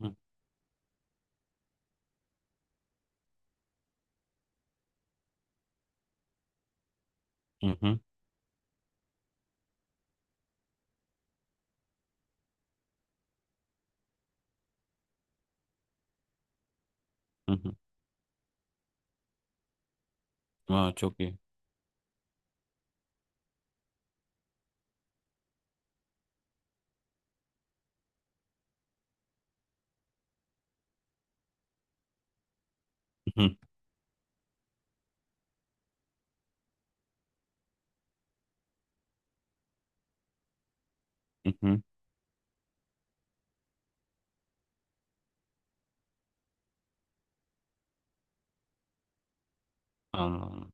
Hı hı hı. Hı hı. Aa, çok iyi. Hı hı hı hı. Anladım.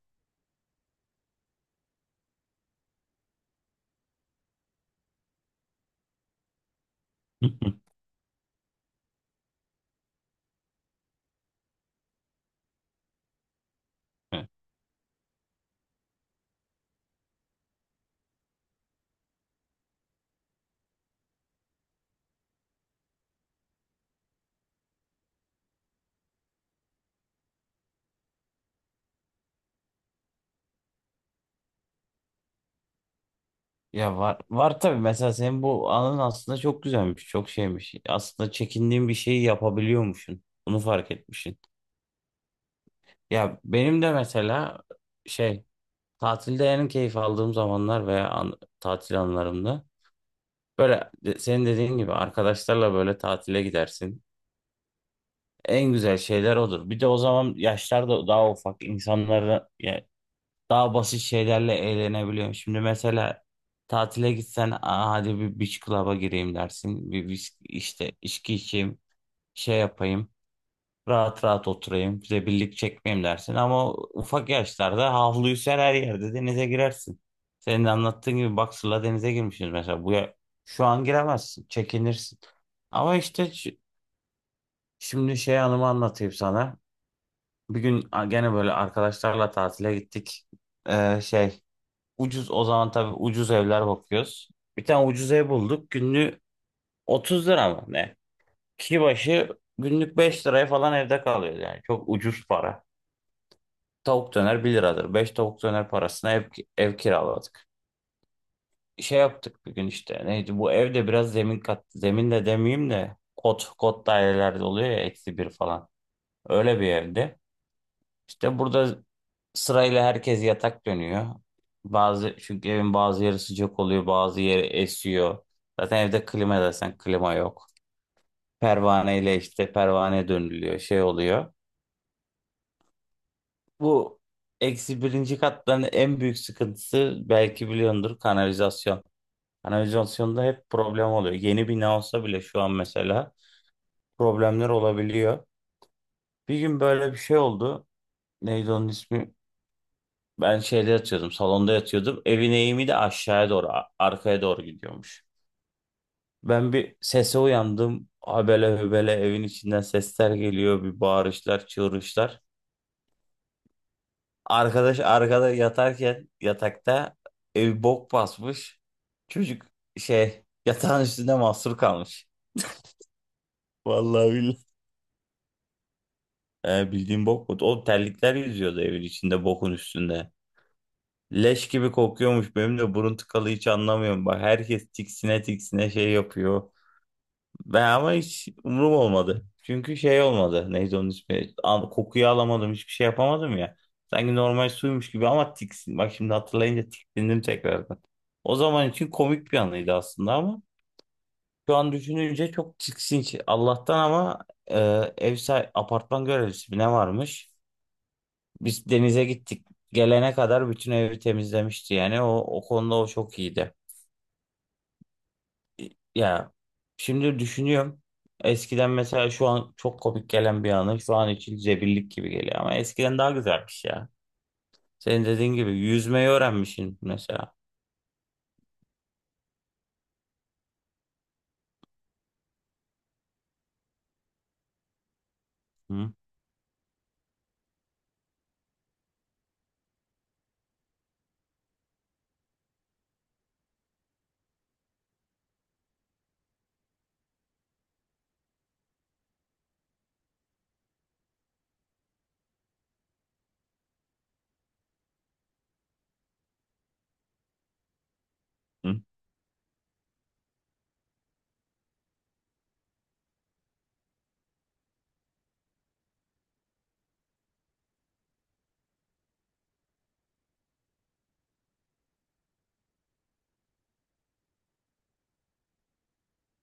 Hı hı. Evet. Ya var var tabii, mesela senin bu anın aslında çok güzelmiş, çok şeymiş. Aslında çekindiğin bir şeyi yapabiliyormuşsun. Bunu fark etmişsin. Ya benim de mesela şey, tatilde en keyif aldığım zamanlar veya tatil anlarımda, böyle senin dediğin gibi arkadaşlarla böyle tatile gidersin. En güzel şeyler odur. Bir de o zaman yaşlar da daha ufak insanlara, daha basit şeylerle eğlenebiliyorum. Şimdi mesela tatile gitsen, aa, hadi bir beach club'a gireyim dersin. Bir işte içki içeyim, şey yapayım. Rahat rahat oturayım, birlik çekmeyeyim dersin. Ama ufak yaşlarda havluyu ser, her yerde denize girersin. Senin de anlattığın gibi boxer'la denize girmişsiniz mesela. Şu an giremezsin, çekinirsin. Ama işte şimdi şey, anımı anlatayım sana. Bir gün gene böyle arkadaşlarla tatile gittik. Şey, ucuz o zaman, tabii ucuz evler bakıyoruz. Bir tane ucuz ev bulduk. Günlük 30 lira mı ne? Kişi başı günlük 5 liraya falan evde kalıyor yani. Çok ucuz para. Tavuk döner 1 liradır. 5 tavuk döner parasına ev, kiraladık. Şey yaptık bir gün işte. Neydi bu evde, biraz zemin kat. Zemin de demeyeyim de kot dairelerde oluyor ya, eksi bir falan. Öyle bir evdi. İşte burada sırayla herkes yatak dönüyor. Bazı, çünkü evin bazı yeri sıcak oluyor, bazı yeri esiyor. Zaten evde klima desen klima yok. Pervaneyle işte, pervane dönülüyor, şey oluyor. Bu eksi birinci katların en büyük sıkıntısı, belki biliyordur, kanalizasyon. Kanalizasyonda hep problem oluyor. Yeni bina olsa bile şu an mesela problemler olabiliyor. Bir gün böyle bir şey oldu. Neydi onun ismi? Ben şeyde yatıyordum, salonda yatıyordum. Evin eğimi de aşağıya doğru, arkaya doğru gidiyormuş. Ben bir sese uyandım. Habele hübele evin içinden sesler geliyor, bir bağırışlar, çığırışlar. Arkadaş arkada yatarken, yatakta evi bok basmış. Çocuk şey, yatağın üstünde mahsur kalmış. Vallahi billahi. Bildiğin bok mu? O terlikler yüzüyordu evin içinde, bokun üstünde. Leş gibi kokuyormuş. Benim de burun tıkalı, hiç anlamıyorum. Bak herkes tiksine tiksine şey yapıyor. Ben ama hiç umurum olmadı. Çünkü şey olmadı. Neydi onun ismi? Kokuyu alamadım. Hiçbir şey yapamadım ya. Sanki normal suymuş gibi, ama tiksin. Bak şimdi hatırlayınca tiksindim tekrardan. O zaman için komik bir anıydı aslında, ama şu an düşününce çok tiksinç. Allah'tan ama e, ev sahibi, apartman görevlisi mi ne varmış? Biz denize gittik. Gelene kadar bütün evi temizlemişti yani. O konuda o çok iyiydi. Ya, şimdi düşünüyorum. Eskiden mesela, şu an çok komik gelen bir anı şu an için zebillik gibi geliyor, ama eskiden daha güzelmiş ya. Senin dediğin gibi yüzmeyi öğrenmişsin mesela. Hı hı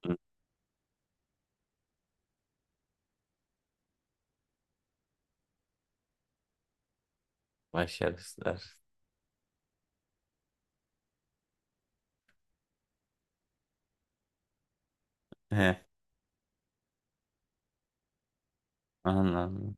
hı. Başarısızlar. He, anladım.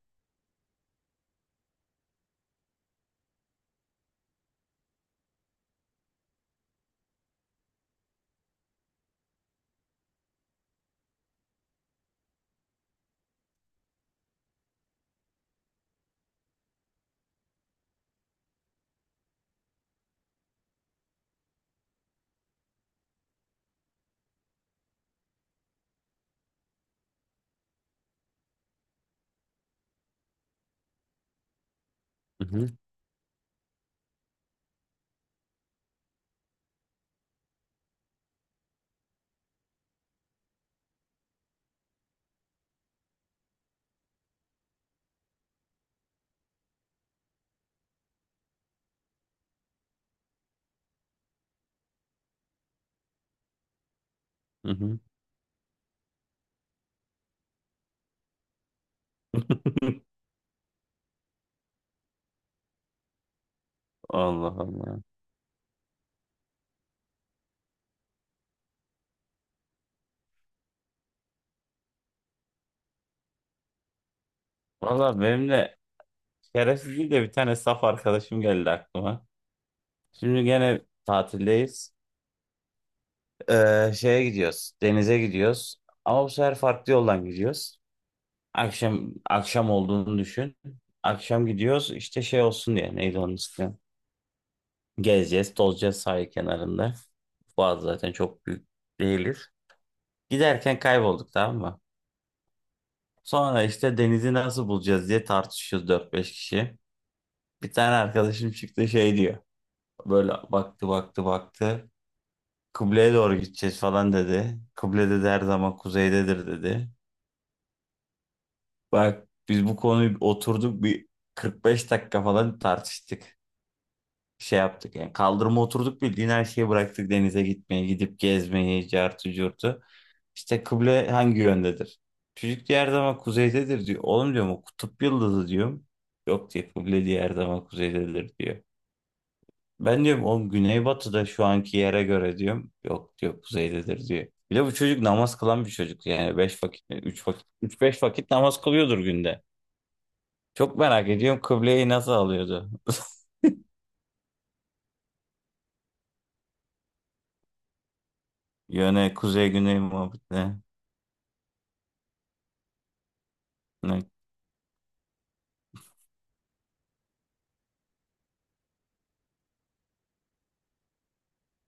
Hı hı hı. Hı. Allah Allah. Valla benim de şerefsiz değil de, bir tane saf arkadaşım geldi aklıma. Şimdi gene tatildeyiz. Şeye gidiyoruz. Denize gidiyoruz. Ama bu sefer farklı yoldan gidiyoruz. Akşam, akşam olduğunu düşün. Akşam gidiyoruz işte, şey olsun diye, neydi onun ismi? Gezeceğiz, tozacağız sahil kenarında. Boğaz zaten çok büyük değiliz. Giderken kaybolduk, tamam mı? Sonra işte denizi nasıl bulacağız diye tartışıyoruz dört beş kişi. Bir tane arkadaşım çıktı şey diyor. Böyle baktı baktı baktı. Kıbleye doğru gideceğiz falan dedi. Kıble, dedi, her zaman kuzeydedir dedi. Bak biz bu konuyu oturduk bir 45 dakika falan tartıştık. Şey yaptık yani, kaldırıma oturduk, bildiğin her şeyi bıraktık, denize gitmeyi, gidip gezmeyi, cartı curtu. İşte kıble hangi yöndedir? Çocuk, diğer zaman kuzeydedir diyor. Oğlum, diyorum, o kutup yıldızı diyorum. Yok diyor, kıble diğer zaman kuzeydedir diyor. Ben diyorum oğlum, güneybatıda şu anki yere göre diyorum. Yok diyor, kuzeydedir diyor. Bir de bu çocuk namaz kılan bir çocuk yani, beş vakit, üç vakit, 3 5 vakit namaz kılıyordur günde. Çok merak ediyorum, kıbleyi nasıl alıyordu? Yöne, kuzey güney muhabbetine.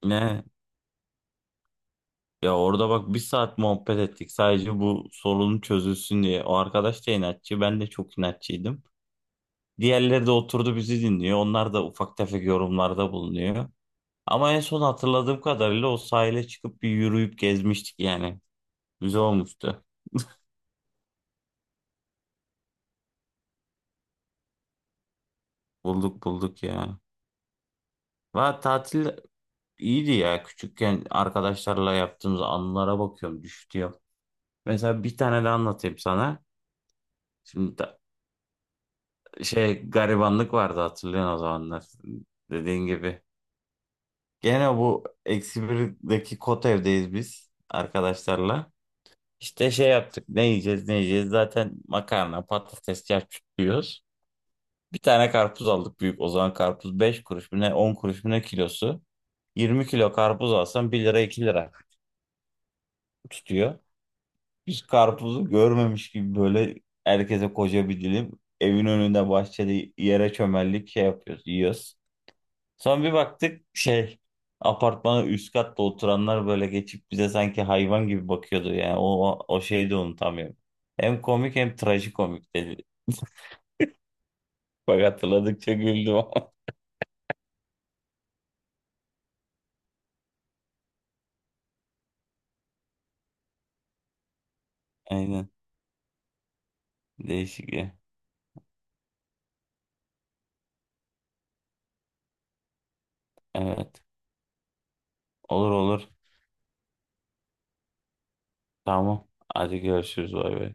Ne? Ya orada bak, 1 saat muhabbet ettik sadece bu sorunun çözülsün diye. O arkadaş da inatçı, ben de çok inatçıydım. Diğerleri de oturdu bizi dinliyor. Onlar da ufak tefek yorumlarda bulunuyor. Ama en son hatırladığım kadarıyla o sahile çıkıp bir yürüyüp gezmiştik yani. Güzel olmuştu. Bulduk bulduk ya. Va tatil iyiydi ya. Küçükken arkadaşlarla yaptığımız anılara bakıyorum, düştü ya. Mesela bir tane de anlatayım sana. Şimdi şey, garibanlık vardı, hatırlıyorsun o zamanlar. Dediğin gibi. Gene bu eksi birdeki kot evdeyiz biz arkadaşlarla. İşte şey yaptık, ne yiyeceğiz ne yiyeceğiz, zaten makarna patates çarçur yiyoruz. Bir tane karpuz aldık büyük, o zaman karpuz 5 kuruş mu ne, 10 kuruş mu ne kilosu. 20 kilo karpuz alsan 1 lira 2 lira tutuyor. Biz karpuzu görmemiş gibi böyle herkese koca bir dilim, evin önünde bahçede yere çömeldik, şey yapıyoruz, yiyoruz. Sonra bir baktık şey, apartmanın üst katta oturanlar böyle geçip bize sanki hayvan gibi bakıyordu yani, o şeyi de unutamıyorum. Hem komik hem trajikomik dedi. Bak hatırladıkça güldüm ama. Aynen, değişik ya. Evet, olur olur, tamam. Hadi görüşürüz, bay bay.